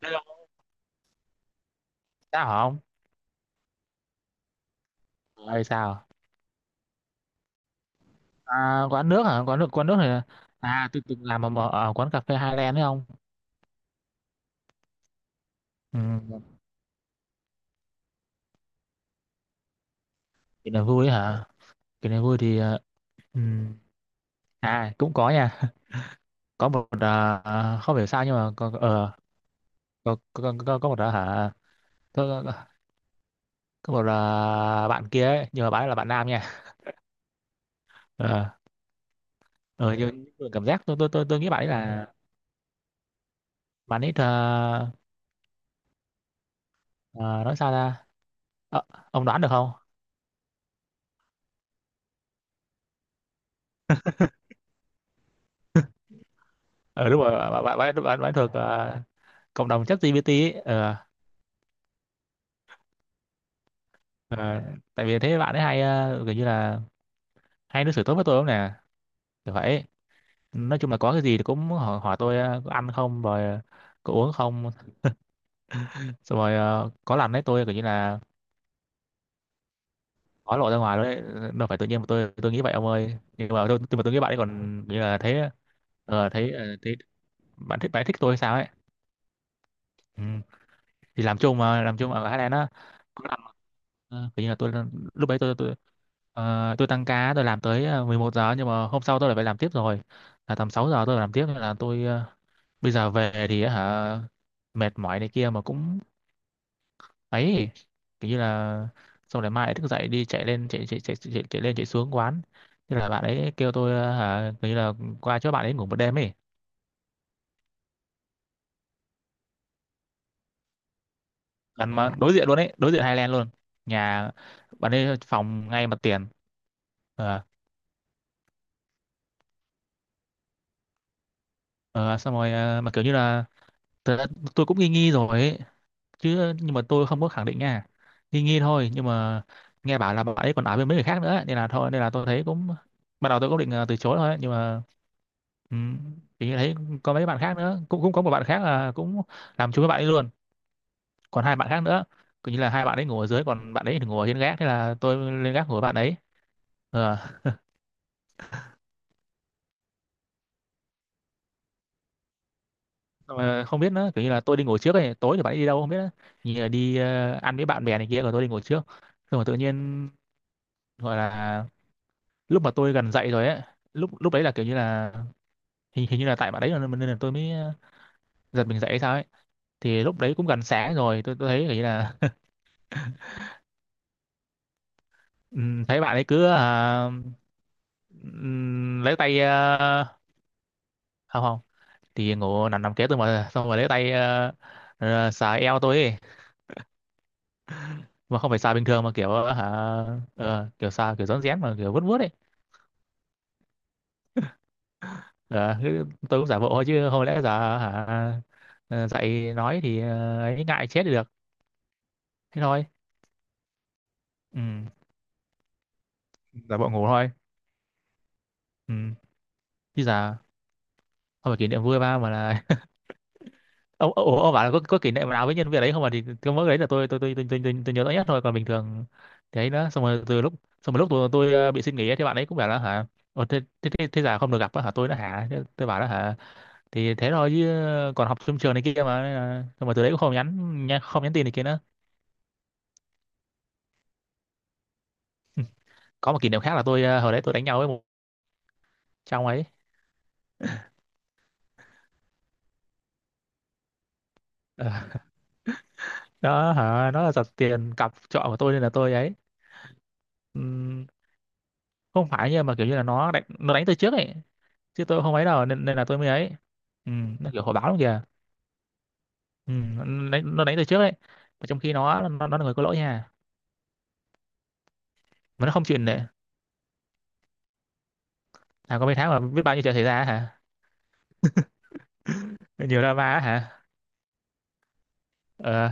Đây là sao hả ông? Ơi sao? À, quán nước hả? Quán nước này tôi từng làm ở, quán cà phê Highland đấy không? Ừ, cái này vui ấy hả? Cái này vui thì ừ. À cũng có nha. Có một không hiểu sao nhưng mà có có một hả? Có, có, có một bạn kia ấy, nhưng mà bạn ấy là bạn nam nha. Ờ ờ nhưng mà cảm giác tôi nghĩ bạn ấy là bạn ấy ờ, nói sao ra? Ờ, ông đoán được không? Ờ Đúng rồi thuộc cộng đồng chat GPT ấy ờ, tại vì thế bạn ấy hay kiểu như là hay đối xử tốt với tôi lắm nè, kiểu vậy. Nói chung là có cái gì thì cũng hỏi tôi có ăn không, rồi có uống không. Xong rồi có lần đấy tôi kiểu như là có lộ ra ngoài đấy. Đâu phải tự nhiên mà tôi nghĩ vậy ông ơi, nhưng mà tôi mà tôi nghĩ bạn ấy còn kiểu như là thấy thấy thấy bạn thích, bạn ấy thích tôi hay sao ấy. Ừ. Thì làm chung, mà làm chung ở thái lan á, có làm kiểu như là tôi lúc đấy tôi tôi tăng ca, tôi làm tới 11 giờ nhưng mà hôm sau tôi lại phải làm tiếp rồi, là tầm 6 giờ tôi phải làm tiếp, nên là tôi bây giờ về thì á hả, mệt mỏi này kia mà cũng ấy, kiểu như là xong rồi mai lại thức dậy đi chạy lên chạy chạy chạy chạy, chạy lên chạy xuống quán. Thế là bạn ấy kêu tôi hả, kiểu như là qua chỗ bạn ấy ngủ một đêm ấy. Gần mà đối diện luôn ấy, đối diện Highland luôn, nhà bạn ấy phòng ngay mặt tiền. Ờ. Ờ, xong rồi mà kiểu như là thật ra tôi cũng nghi nghi rồi ấy chứ, nhưng mà tôi không có khẳng định nha, nghi nghi thôi. Nhưng mà nghe bảo là bạn ấy còn nói với mấy người khác nữa ấy, nên là thôi, nên là tôi thấy cũng ban đầu tôi cũng định từ chối thôi ấy. Nhưng mà um, thì thấy có mấy bạn khác nữa, cũng cũng có một bạn khác là cũng làm chung với bạn ấy luôn, còn hai bạn khác nữa, kiểu như là hai bạn ấy ngồi ở dưới còn bạn ấy thì ngồi ở trên gác, thế là tôi lên gác ngồi với bạn ấy. ờ Xong rồi không biết nữa, kiểu như là tôi đi ngồi trước ấy, tối thì bạn ấy đi đâu không biết nữa, như là đi ăn với bạn bè này kia, rồi tôi đi ngồi trước. Xong rồi tự nhiên gọi là lúc mà tôi gần dậy rồi ấy, lúc lúc đấy là kiểu như là hình hình như là tại bạn đấy là- nên là tôi mới giật mình dậy hay sao ấy. Thì lúc đấy cũng gần sáng rồi, tôi thấy kiểu như là thấy bạn ấy cứ lấy tay không không, thì ngủ nằm nằm kế tôi, mà xong rồi lấy tay xà eo tôi ấy, mà không phải xà bình thường mà kiểu hả kiểu xà kiểu rón rén mà kiểu vuốt vuốt ấy. Ờ, thế tôi cũng giả bộ thôi, chứ không lẽ giờ hả ờ, dậy nói thì ấy ngại chết thì được, thế thôi. Ừ, giả bộ ngủ thôi. Ừ, chứ giờ không phải kỷ niệm vui ba mà là ông ông bảo là có kỷ niệm nào với nhân viên đấy không, mà thì cái mỗi cái đấy là tôi nhớ rõ nhất thôi, còn bình thường thì ấy nữa. Xong rồi từ lúc xong rồi lúc tôi bị xin nghỉ ấy, thì bạn ấy cũng bảo là hả Ồ, thế giờ không được gặp á hả tôi đó hả. Thế tôi bảo đó hả, thì thế thôi chứ, còn học trong trường này kia mà. Nên là- xong rồi từ đấy cũng không nhắn, nhắn- không nhắn tin này kia nữa. Có một kỷ niệm khác là tôi hồi đấy tôi đánh nhau với một trong ấy. Ờ, đó hả, nó là giật tiền cặp trọ của tôi nên là tôi ấy. Ừ, không phải, nhưng mà kiểu như là nó đánh từ trước ấy, chứ tôi không ấy đâu, nên, là tôi mới ấy. Ừ, nó kiểu hồi báo luôn kìa. Ừ, nó đánh từ trước ấy, mà trong khi nó là người có lỗi nha, mà nó không chịu nể. À có mấy tháng mà biết bao nhiêu chuyện xảy ra hả, nhiều drama á hả. ờ,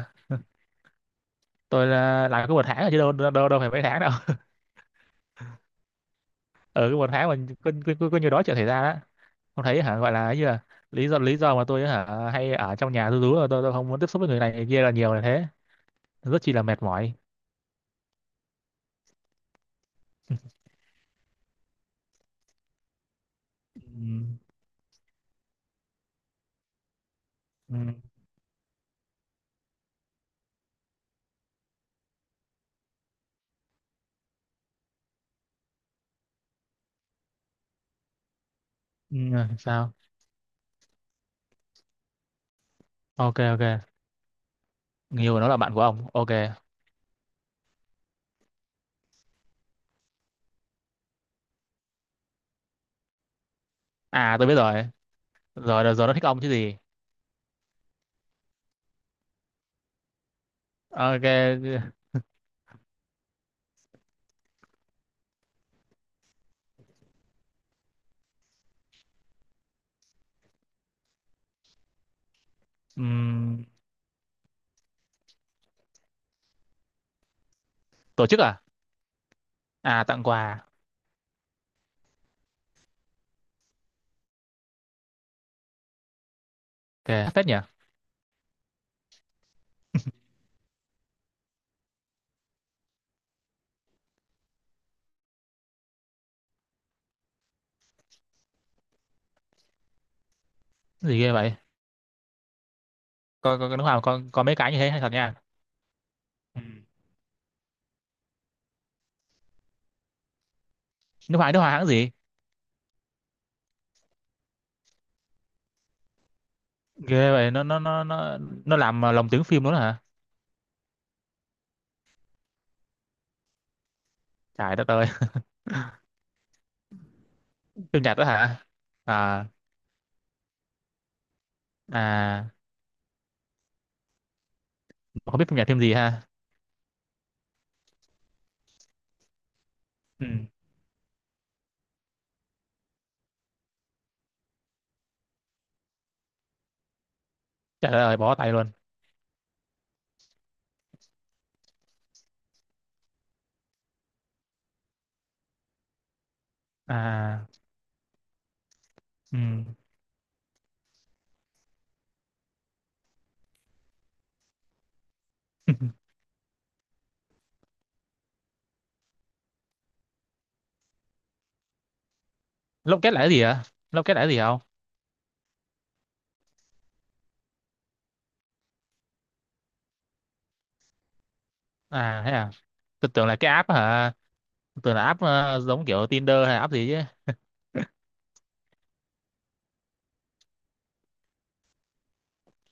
tôi là làm có một tháng rồi chứ đâu đâu, đâu đâu phải mấy tháng đâu. Ở cái một tháng mà có nhiều đó chuyện xảy ra đó, không thấy hả, gọi là ấy như là lý do, mà tôi hả hay ở trong nhà tôi rú là tôi không muốn tiếp xúc với người này người kia là nhiều là thế, rất chi là mệt mỏi. Ừ, ừ, ừ, sao. Ok, ok, người yêu của nó là bạn của ông, ok. À tôi biết rồi, rồi nó thích ông chứ gì. Ok. Ừm, tổ chức à. À, tặng quà. Ok phết nhỉ. Cái gì ghê vậy. Có nước hoa, có mấy cái như thế hay thật nha. Ừ. Nước hoa, nước hoa hãng gì. Ghê vậy, nó làm lồng tiếng phim luôn đó hả. Trời đất ơi. Phim nhật đó hả. À à, không biết phim nhật phim gì ha. Ừ. Trời đất ơi bó tay luôn. À. Ừ. Lốc kết là cái gì hả? Lốc kết là cái gì không? À thế à, tôi tưởng là cái app hả, tưởng là app giống kiểu Tinder hay app gì chứ.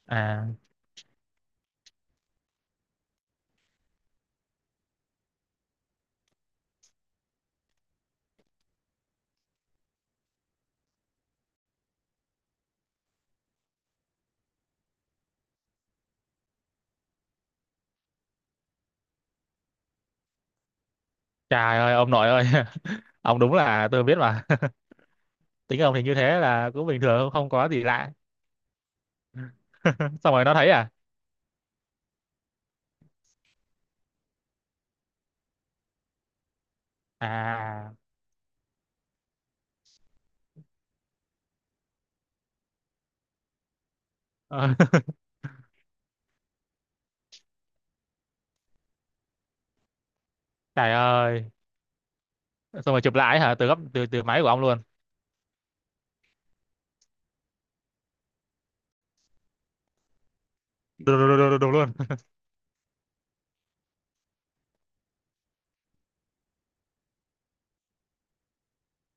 À trời ơi ông nội ơi. Ông đúng là tôi biết mà. Tính ông thì như thế là cũng bình thường, không có gì lạ. Xong rồi nó thấy à. À. ờ, Trời ơi. Xong rồi chụp lại hả, từ góc từ từ máy của ông luôn. Đúng, đúng, đúng, đúng Đúng luôn.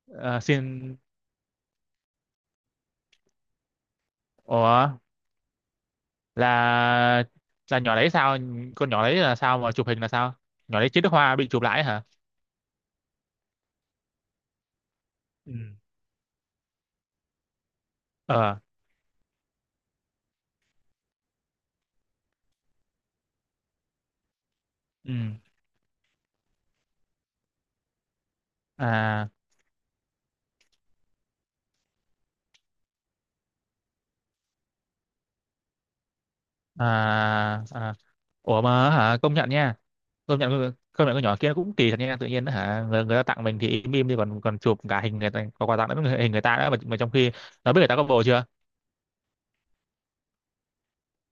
Ờ, xin, ủa là là nhỏ đấy sao? Con nhỏ đấy là sao mà chụp hình là sao? Nhỏ đấy chết nước hoa bị chụp lại hả. Ừ. Ờ. Ừ. À à à. Ủa mà hả, công nhận nha. Công nhận con nhỏ kia nó cũng kỳ thật nha, tự nhiên hả người ta tặng mình thì im im đi, còn còn chụp cả hình người ta có quà tặng lẫn hình người ta đó, mà trong khi nó biết người ta có bồ chưa,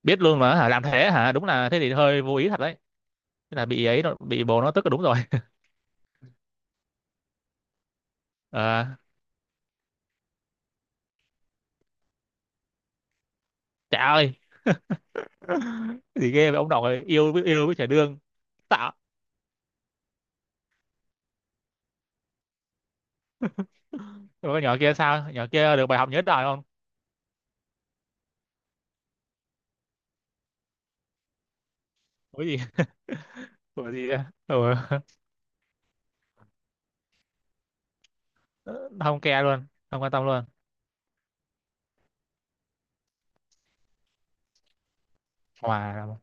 biết luôn mà hả làm thế hả. Đúng là thế thì hơi vô ý thật đấy, thế là bị ấy nó- bị bồ nó tức là đúng rồi. À, trời ơi. Gì ghê vậy ông nội, yêu với trẻ đương tạo. Rồi con nhỏ kia sao, nhỏ kia được bài học nhớ đời không? Có gì, có gì á? Ừ. Không care luôn, không quan tâm luôn. Hòa.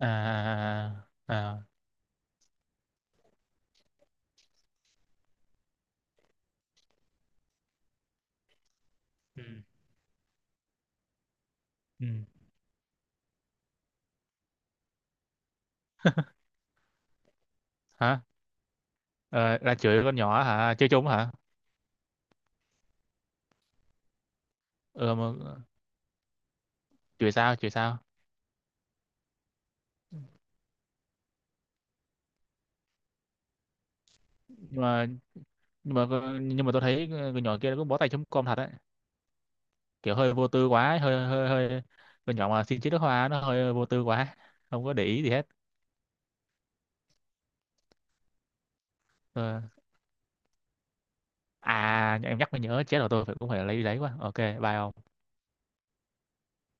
À, à. À, à. Ừ. Ừ. Hả. Ờ, là chửi con nhỏ hả? Chơi trốn hả? Ờ mà chửi sao? Chửi sao? Nhưng mà nhưng mà nhưng mà tôi thấy con nhỏ kia nó cũng bó tay chấm com thật đấy. Kiểu hơi vô tư quá, hơi hơi hơi. Con nhỏ mà xin chữ nước hoa nó hơi vô tư quá, không có để ý gì hết. Ờ, à em nhắc mới nhớ chết rồi, tôi phải cũng phải lấy quá. Ok, bye ông.